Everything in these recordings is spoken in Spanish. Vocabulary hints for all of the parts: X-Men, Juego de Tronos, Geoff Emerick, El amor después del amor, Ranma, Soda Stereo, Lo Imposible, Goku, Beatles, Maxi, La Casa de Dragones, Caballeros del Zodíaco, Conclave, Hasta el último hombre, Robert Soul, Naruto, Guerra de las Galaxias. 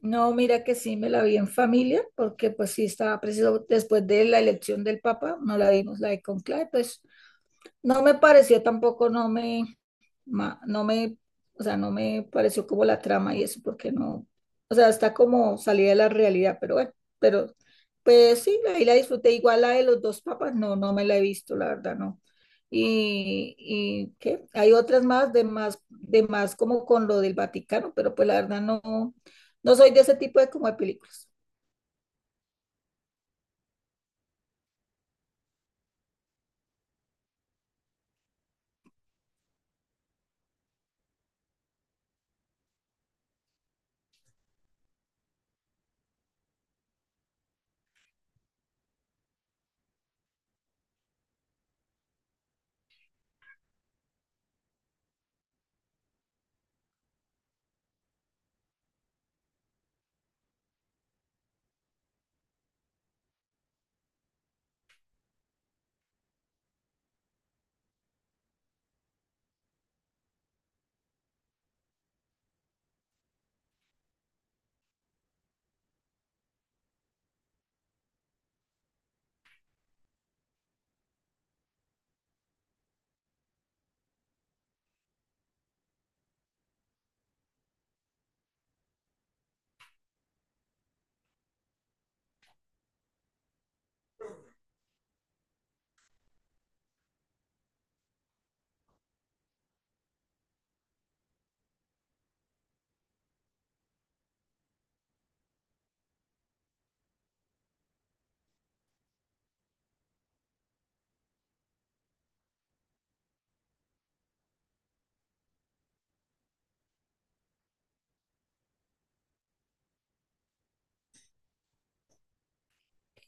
No, mira que sí me la vi en familia, porque pues sí estaba preciso después de la elección del Papa, no la vimos la de Conclave, pues no me pareció tampoco, no me, ma- no me, o sea, no me pareció como la trama y eso, porque no, o sea, está como salida de la realidad, pero bueno, pero pues sí, ahí la disfruté. Igual la de los dos papas, no, no me la he visto, la verdad, no. Y qué, hay otras más de más como con lo del Vaticano, pero pues la verdad no, no soy de ese tipo de como de películas.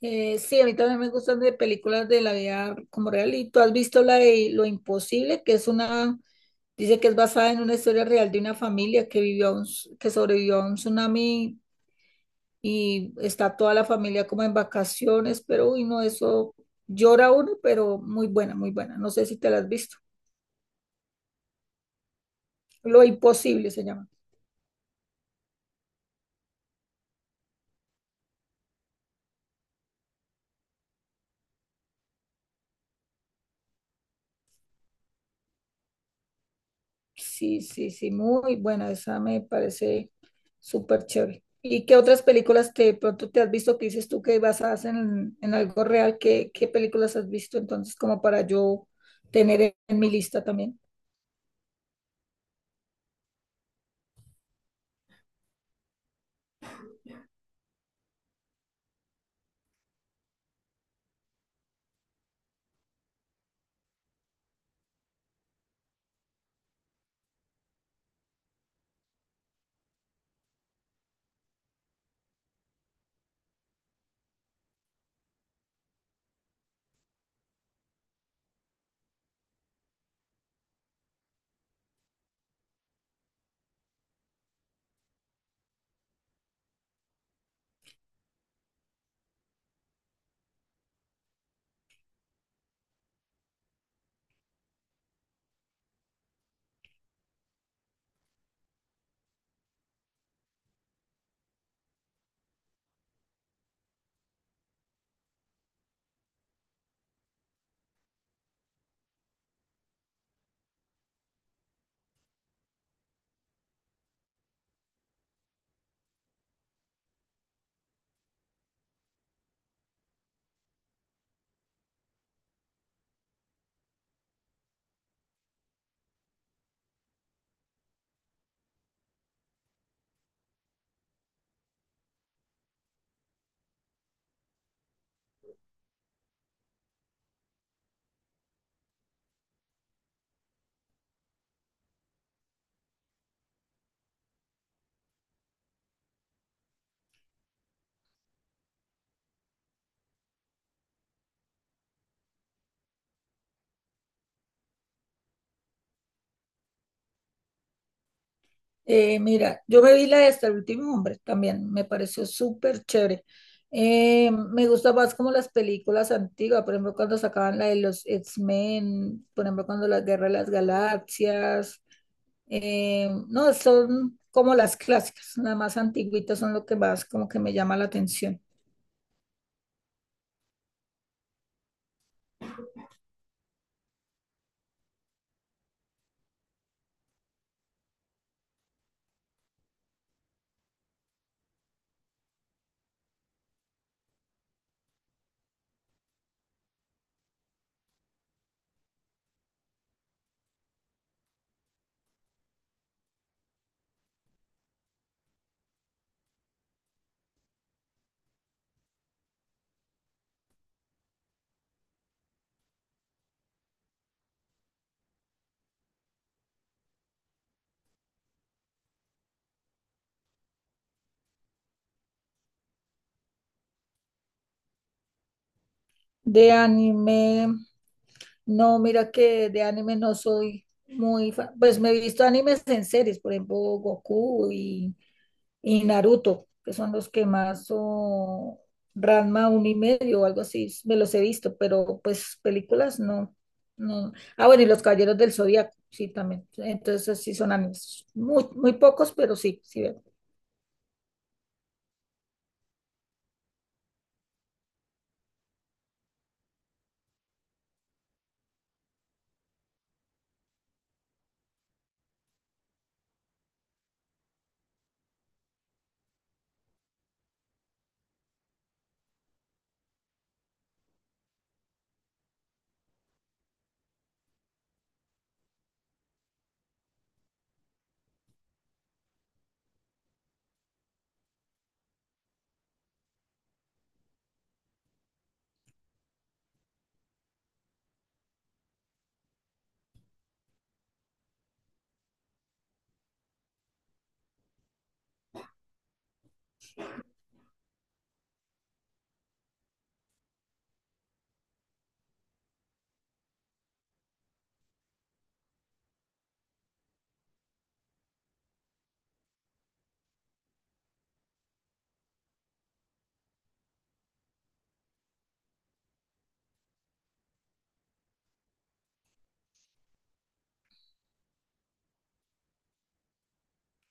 Sí, a mí también me gustan de películas de la vida como real. ¿Y tú has visto la de Lo Imposible, que es una, dice que es basada en una historia real de una familia que vivió, que sobrevivió a un tsunami y está toda la familia como en vacaciones, pero uy, no, eso llora uno, pero muy buena, muy buena. No sé si te la has visto. Lo Imposible se llama. Sí, sí, sí, muy buena, esa me parece súper chévere. ¿Y qué otras películas te, de pronto te has visto que dices tú que basadas en algo real? Qué, qué películas has visto entonces como para yo tener en mi lista también? Mira, yo me vi la de Hasta el último hombre también, me pareció súper chévere. Me gusta más como las películas antiguas, por ejemplo, cuando sacaban la de los X-Men, por ejemplo, cuando la Guerra de las Galaxias. No, son como las clásicas, las más antiguitas son lo que más como que me llama la atención. De anime, no, mira que de anime no soy muy fan. Pues me he visto animes en series, por ejemplo, Goku y Naruto, que son los que más, o Ranma un y medio o algo así, me los he visto, pero pues películas no. No. Ah, bueno, y los Caballeros del Zodíaco, sí, también. Entonces sí son animes. Muy, muy pocos, pero sí, sí veo.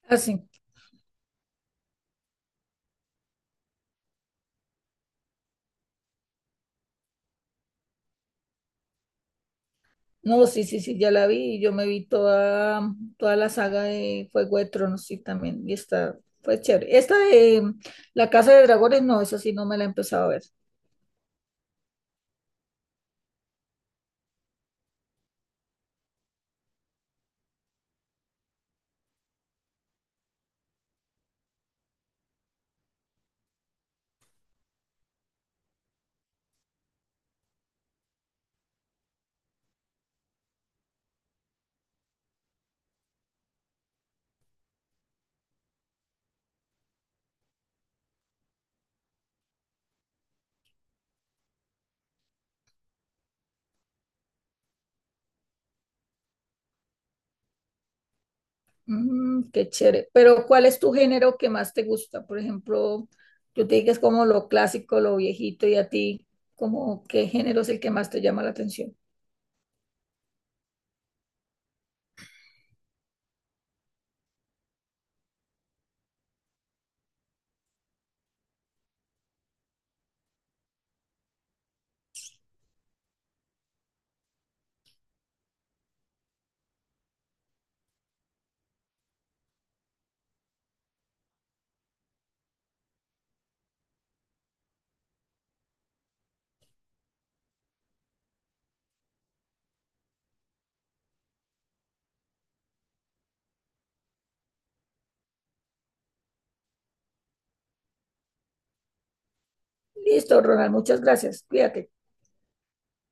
Así. No, sí, sí, sí, ya la vi. Y yo me vi toda, toda la saga de Juego de Tronos, sí, también. Y esta fue chévere. Esta de La Casa de Dragones, no, esa sí no me la he empezado a ver. Mm, qué chévere. Pero, ¿cuál es tu género que más te gusta? Por ejemplo, yo te dije que es como lo clásico, lo viejito, ¿y a ti, como qué género es el que más te llama la atención? Listo, Ronald, muchas gracias. Cuídate.